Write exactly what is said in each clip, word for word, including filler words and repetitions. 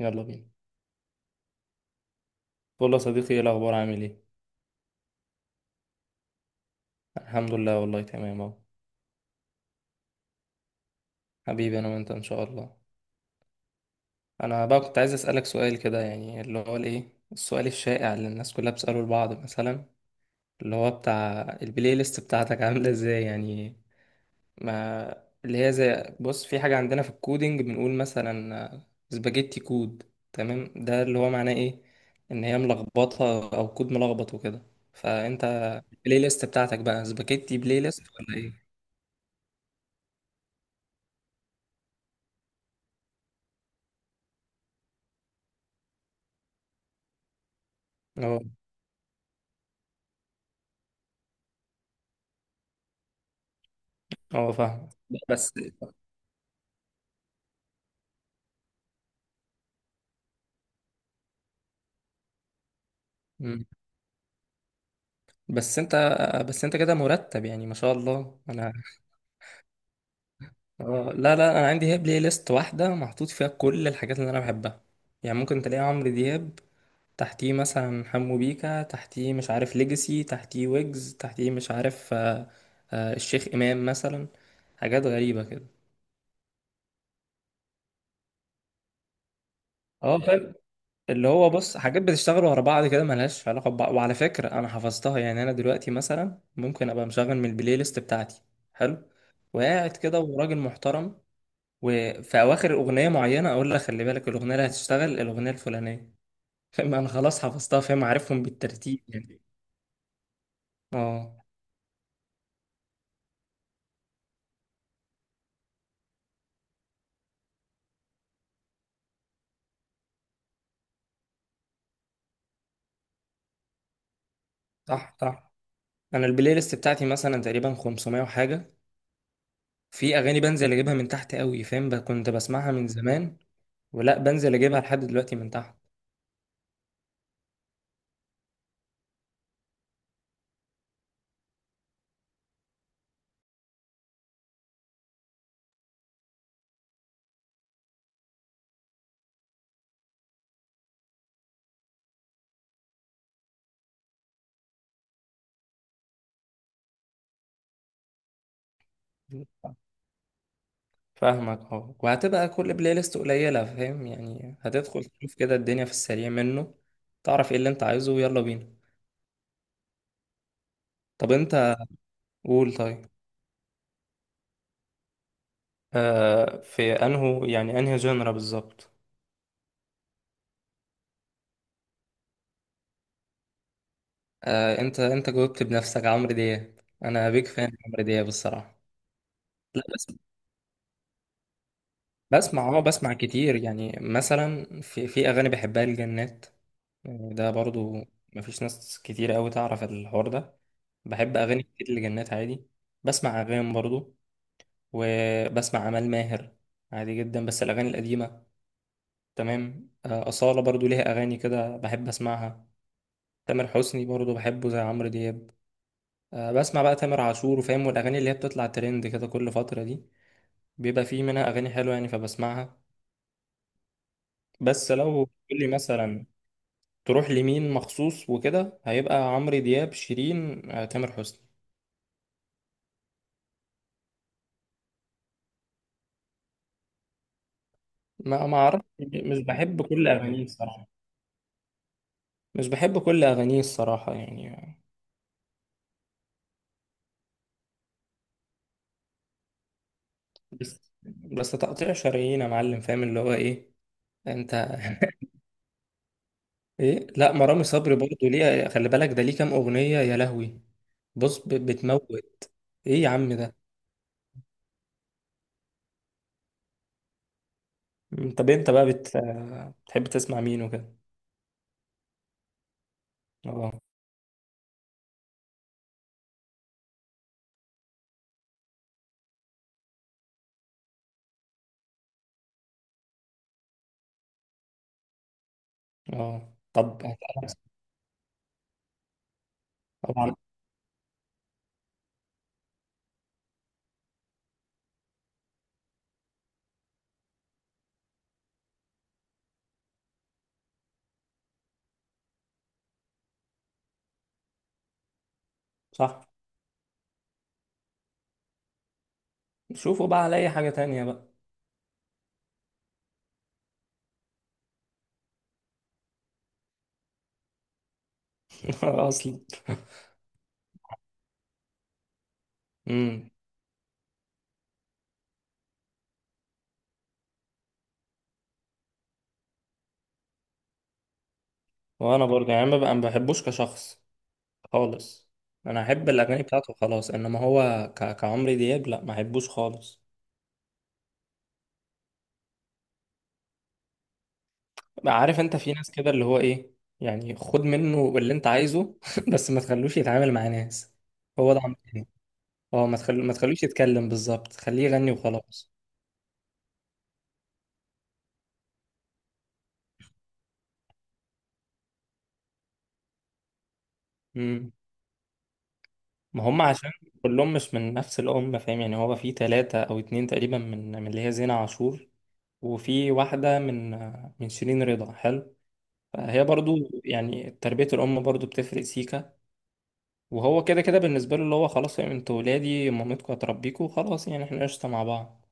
يلا بينا. والله يا صديقي، ايه الاخبار؟ عامل ايه؟ الحمد لله والله، تمام اهو. حبيبي، انا وانت ان شاء الله. انا بقى كنت عايز اسالك سؤال كده، يعني اللي هو الايه، السؤال الشائع اللي الناس كلها بتساله لبعض مثلا، اللي هو بتاع البلاي ليست بتاعتك عامله ازاي يعني. ما اللي هي، زي بص، في حاجه عندنا في الكودينج بنقول مثلا سباجيتي كود، تمام؟ ده اللي هو معناه ايه، ان هي ملخبطه او كود ملخبط وكده. فانت البلاي ليست بتاعتك بقى سباجيتي بلاي ليست ولا ايه؟ أه. اه، فاهم. بس. مم. بس انت بس انت كده مرتب يعني ما شاء الله. انا اه، لا لا، انا عندي هي بلاي ليست واحده محطوط فيها كل الحاجات اللي انا بحبها. يعني ممكن تلاقي عمرو دياب، تحتيه مثلا حمو بيكا، تحتيه مش عارف ليجاسي، تحتيه ويجز، تحتيه مش عارف آه، آه، الشيخ امام مثلا. حاجات غريبه كده. اه، فاهم. اللي هو بص، حاجات بتشتغل ورا بعض كده ملهاش علاقة ببعض، وعلى فكرة أنا حفظتها. يعني أنا دلوقتي مثلا ممكن أبقى مشغل من البلاي ليست بتاعتي، حلو، وقاعد كده وراجل محترم، وفي أواخر أغنية معينة أقول لك خلي بالك الأغنية اللي هتشتغل الأغنية الفلانية. فاهم أنا خلاص حفظتها، فاهم، عارفهم بالترتيب يعني. أه. صح، صح. أنا البلاي ليست بتاعتي مثلا تقريبا خمسمية وحاجة. في أغاني بنزل أجيبها من تحت قوي، فاهم، ب- كنت بسمعها من زمان، ولا بنزل أجيبها لحد دلوقتي من تحت. فاهمك، اه. وهتبقى كل بلاي ليست قليلة، فاهم يعني، هتدخل تشوف كده الدنيا في السريع منه. تعرف ايه اللي انت عايزه، ويلا بينا. طب انت، قول طيب. آه، في انهو يعني انهي جنرا بالظبط؟ آه، انت انت جاوبت بنفسك، عمرو دياب. انا بيك فان عمرو دياب الصراحة. لا بس، بسمع، اه بسمع كتير يعني. مثلا في في اغاني بحبها، الجنات يعني، ده برضو مفيش ناس كتير قوي تعرف الحوار ده. بحب اغاني كتير لجنات، عادي. بسمع اغاني برضو، وبسمع عمال ماهر، عادي جدا، بس الأغاني القديمة. تمام. آه، أصالة برضو ليها أغاني كده بحب أسمعها. تامر حسني برضو بحبه زي عمرو دياب. آه، بسمع بقى تامر عاشور، وفاهم، والأغاني اللي هي بتطلع ترند كده كل فترة دي بيبقى فيه منها أغاني حلوة يعني، فبسمعها. بس لو تقول لي مثلا تروح لمين مخصوص وكده، هيبقى عمرو دياب، شيرين، آه، تامر حسني. ما ما أعرف، مش بحب كل أغانيه الصراحة. مش بحب كل أغانيه الصراحة يعني. بس بس تقطيع شرايين يا معلم، فاهم اللي هو ايه. انت ايه، لا، مرامي صبري برضه، ليه خلي بالك ده ليه كام اغنيه يا لهوي. بص، ب- بتموت. ايه يا عم ده. مم، طب انت بقى بت... بتحب تسمع مين وكده؟ اه. اه طب هسألك. طبعا. صح. شوفوا بقى على اي حاجه تانية بقى. اصلا. امم. وانا برضه يعني ما بقى- ما بحبوش كشخص خالص. انا احب الاغاني بتاعته خلاص، انما هو ك... كعمرو دياب لا، ما احبوش خالص. ما عارف، انت في ناس كده اللي هو ايه، يعني خد منه اللي انت عايزه، بس ما تخلوش يتعامل مع ناس. هو ده عمرو. اه، ما تخل... ما تخلوش يتكلم بالظبط، خليه يغني وخلاص. امم. ما هم عشان كلهم مش من نفس الأم، فاهم يعني. هو في ثلاثة أو اتنين تقريبا من من اللي هي زينة عاشور، وفي واحدة من من شيرين رضا، حلو. فهي برضو يعني تربية الأم برضو بتفرق، سيكا. وهو كده كده بالنسبة له اللي هو خلاص يعني، انتوا ولادي مامتكم هتربيكوا خلاص، يعني احنا قشطة مع بعض.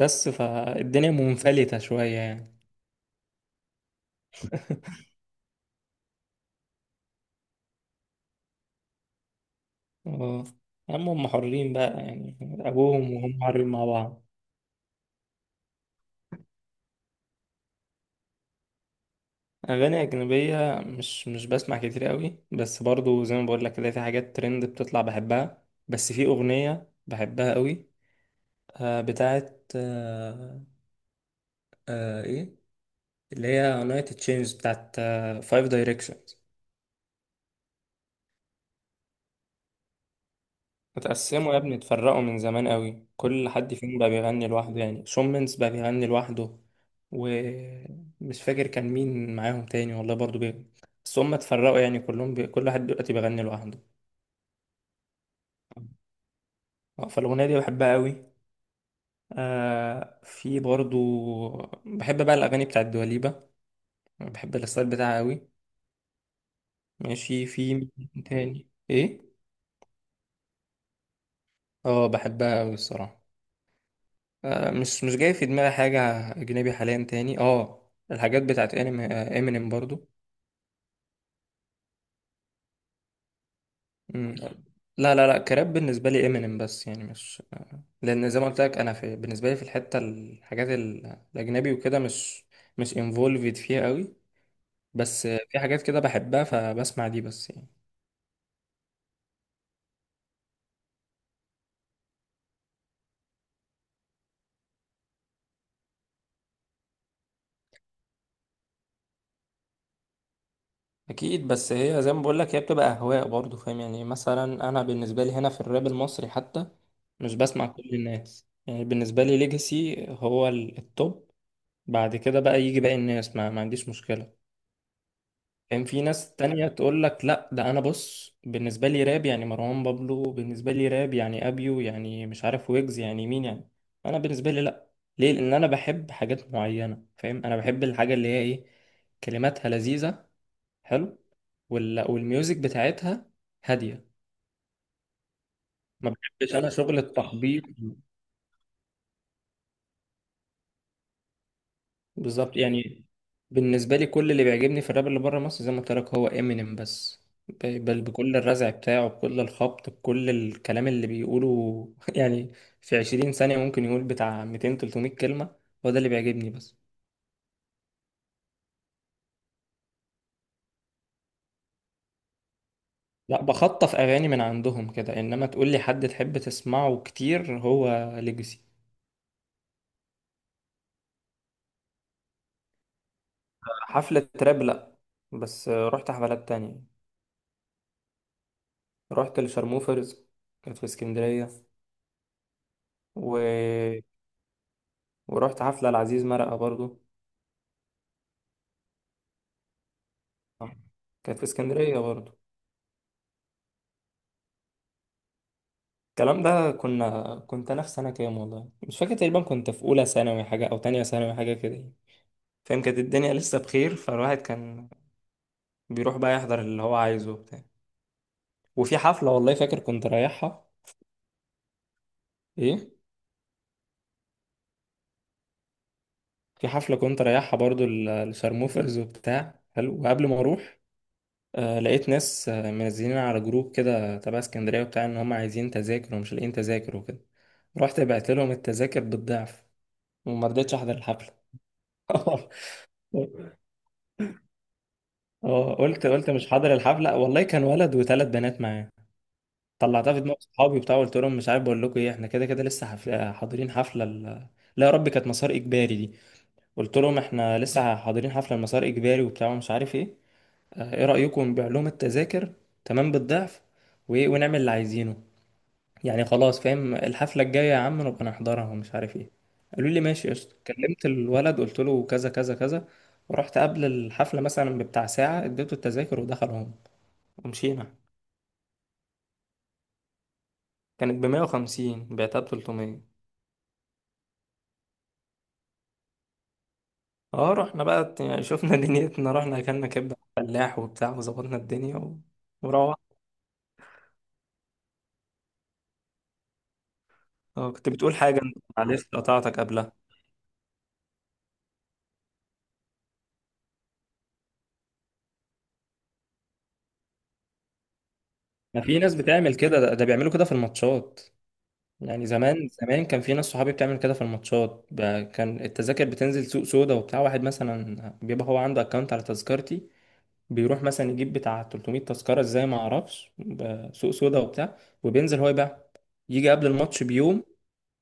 بس فالدنيا منفلتة شوية يعني. اه. يا عم هم حرين بقى يعني، أبوهم وهم حرين مع بعض. أغاني أجنبية، مش مش بسمع كتير قوي، بس برضو زي ما بقول لك كده، في حاجات ترند بتطلع بحبها. بس في أغنية بحبها قوي، آه، بتاعت آه، آه، إيه، اللي هي United Change، بتاعت فايف Direction. اتقسموا يا ابني، اتفرقوا من زمان قوي، كل حد فيهم بقى بيغني لوحده يعني. شومنز بقى بيغني لوحده، ومش فاكر كان مين معاهم تاني والله برضو بي... بس هم اتفرقوا يعني، كلهم بي... كل واحد دلوقتي بيغني لوحده. اه، فالأغنية دي بحبها قوي. آه، في برضو، بحب بقى الأغاني بتاعت دواليبة، بحب الستايل بتاعها قوي. ماشي، في مين تاني ايه. اه بحبها قوي الصراحة. آه، مش مش جاي في دماغي حاجة أجنبي حاليا تاني. اه، الحاجات بتاعت انمي، آه، امينيم برضو. مم. لا لا لا، كراب بالنسبة لي امينيم بس يعني، مش آه، لأن زي ما قلت لك أنا، في بالنسبة لي في الحتة الحاجات ال- الأجنبي وكده، مش مش انفولفد فيها قوي. بس آه، في حاجات كده بحبها فبسمع دي بس يعني. أكيد. بس هي زي ما بقول لك، هي بتبقى أهواء برضو، فاهم يعني. مثلا أنا بالنسبة لي هنا في الراب المصري حتى، مش بسمع كل الناس. يعني بالنسبة لي ليجاسي هو ال- التوب، بعد كده بقى يجي باقي الناس، ما, ما عنديش مشكلة. كان في ناس تانية تقول لك لا ده، انا بص، بالنسبة لي راب يعني مروان بابلو، بالنسبة لي راب يعني ابيو، يعني مش عارف ويجز، يعني مين يعني. انا بالنسبة لي لا. ليه؟ لان انا بحب حاجات معينة، فاهم. انا بحب الحاجة اللي هي ايه، كلماتها لذيذة، حلو، وال... والميوزك بتاعتها هادية. ما بحبش انا شغل التخبيط. بالظبط يعني. بالنسبة لي كل اللي بيعجبني في الراب اللي بره مصر، زي ما قلت لك، هو امينيم بس. ب- بل بكل الرزع بتاعه، بكل الخبط، بكل الكلام اللي بيقوله يعني، في عشرين ثانية ممكن يقول بتاع ميتين تلتمية كلمة. هو ده اللي بيعجبني بس. لا، بخطف أغاني من عندهم كده، إنما تقول لي حد تحب تسمعه كتير، هو ليجاسي. حفلة راب لأ، بس رحت حفلات تانية. رحت لشارموفرز، كانت في اسكندرية، و... ورحت حفلة لعزيز مرقة برضو. آه. كانت في اسكندرية برضه. الكلام ده كنا كنت أنا في سنة كام والله مش فاكر، تقريبا كنت في أولى ثانوي حاجة أو تانية ثانوي حاجة كده يعني. فاهم، كانت الدنيا لسه بخير، فالواحد كان بيروح بقى يحضر اللي هو عايزه وبتاع. وفي حفلة والله فاكر كنت رايحها. إيه، في حفلة كنت رايحها برضه ل- لشارموفرز وبتاع، حلو، وقبل ما أروح آه لقيت ناس، آه، منزلين على جروب كده تبع اسكندرية وبتاع إن هم عايزين تذاكر ومش لاقيين تذاكر وكده. رحت بعت لهم التذاكر بالضعف، وما رضيتش أحضر الحفلة. اه، قلت قلت مش حاضر الحفله والله، كان ولد وثلاث بنات معاه. طلعتها في دماغ صحابي وبتاع، قلت لهم مش عارف بقول لكم ايه، احنا كده كده لسه حفله حاضرين حفله ال... لا يا ربي كانت مسار اجباري دي، قلت لهم احنا لسه حاضرين حفله المسار اجباري وبتاع ومش عارف ايه. اه، ايه رايكم نبيع لهم التذاكر تمام بالضعف، وايه ونعمل اللي عايزينه يعني، خلاص، فاهم، الحفله الجايه يا عم نبقى نحضرها ومش عارف ايه. قالوا لي ماشي قشطه، كلمت الولد قلت له كذا كذا كذا، ورحت قبل الحفله مثلا بتاع ساعه، اديته التذاكر ودخل ومشينا. كانت بمية وخمسين، بعتها بتلتمية. اه، رحنا بقى يعني شفنا دنيتنا، رحنا اكلنا كبدة فلاح وبتاع وظبطنا الدنيا و... وروح. اه كنت بتقول حاجة انت، معلش قطعتك قبلها. ما في ناس بتعمل كده. ده, ده بيعملوا كده في الماتشات. يعني زمان زمان كان في ناس صحابي بتعمل كده في الماتشات، ب- كان التذاكر بتنزل سوق سودا وبتاع. واحد مثلا بيبقى هو عنده اكونت على تذكرتي، بيروح مثلا يجيب بتاع 300 تذكرة ازاي ما اعرفش، ب- سوق سودا وبتاع، وبينزل هو يبيع. يجي قبل الماتش بيوم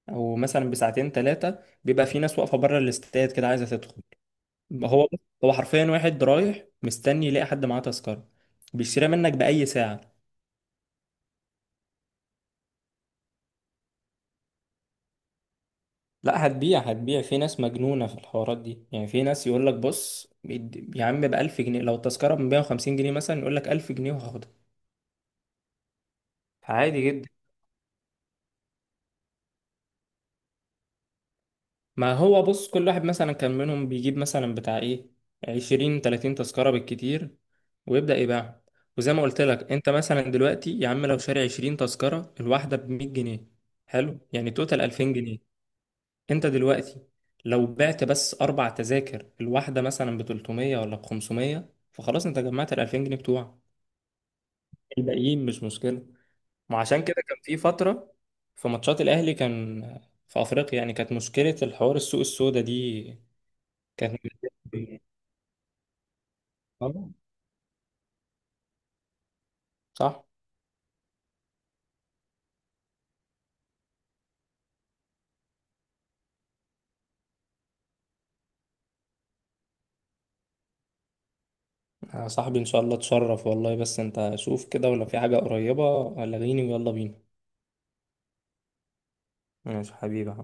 او مثلا بساعتين ثلاثه، بيبقى في ناس واقفه بره الاستاد كده عايزه تدخل. هو هو حرفيا واحد رايح مستني يلاقي حد معاه تذكره، بيشتريها منك باي ساعه. لا هتبيع، هتبيع، في ناس مجنونه في الحوارات دي يعني. في ناس يقول لك بص يا عم ب ألف جنيه، لو التذكره ب مية وخمسين جنيه مثلا يقول لك ألف جنيه وهاخدها، عادي جدا. ما هو بص، كل واحد مثلا كان منهم بيجيب مثلا بتاع ايه، عشرين تلاتين تذكرة بالكتير، ويبدأ يبيعهم. وزي ما قلت لك انت، مثلا دلوقتي يا عم لو شاري عشرين تذكرة، الواحدة بمية جنيه، حلو، يعني توتال ألفين جنيه. انت دلوقتي لو بعت بس أربع تذاكر الواحدة مثلا بتلتمية ولا بخمسمية، فخلاص انت جمعت الألفين جنيه بتوعك، الباقيين مش مشكلة. ما عشان كده كان في فترة في ماتشات الأهلي كان في أفريقيا يعني، كانت مشكلة الحوار السوق السودا دي. كان. آه، صح. آه، صاحبي ان شاء الله تشرف والله، بس انت شوف كده ولا في حاجة قريبة، لغيني ويلا بينا. ماشي حبيبي.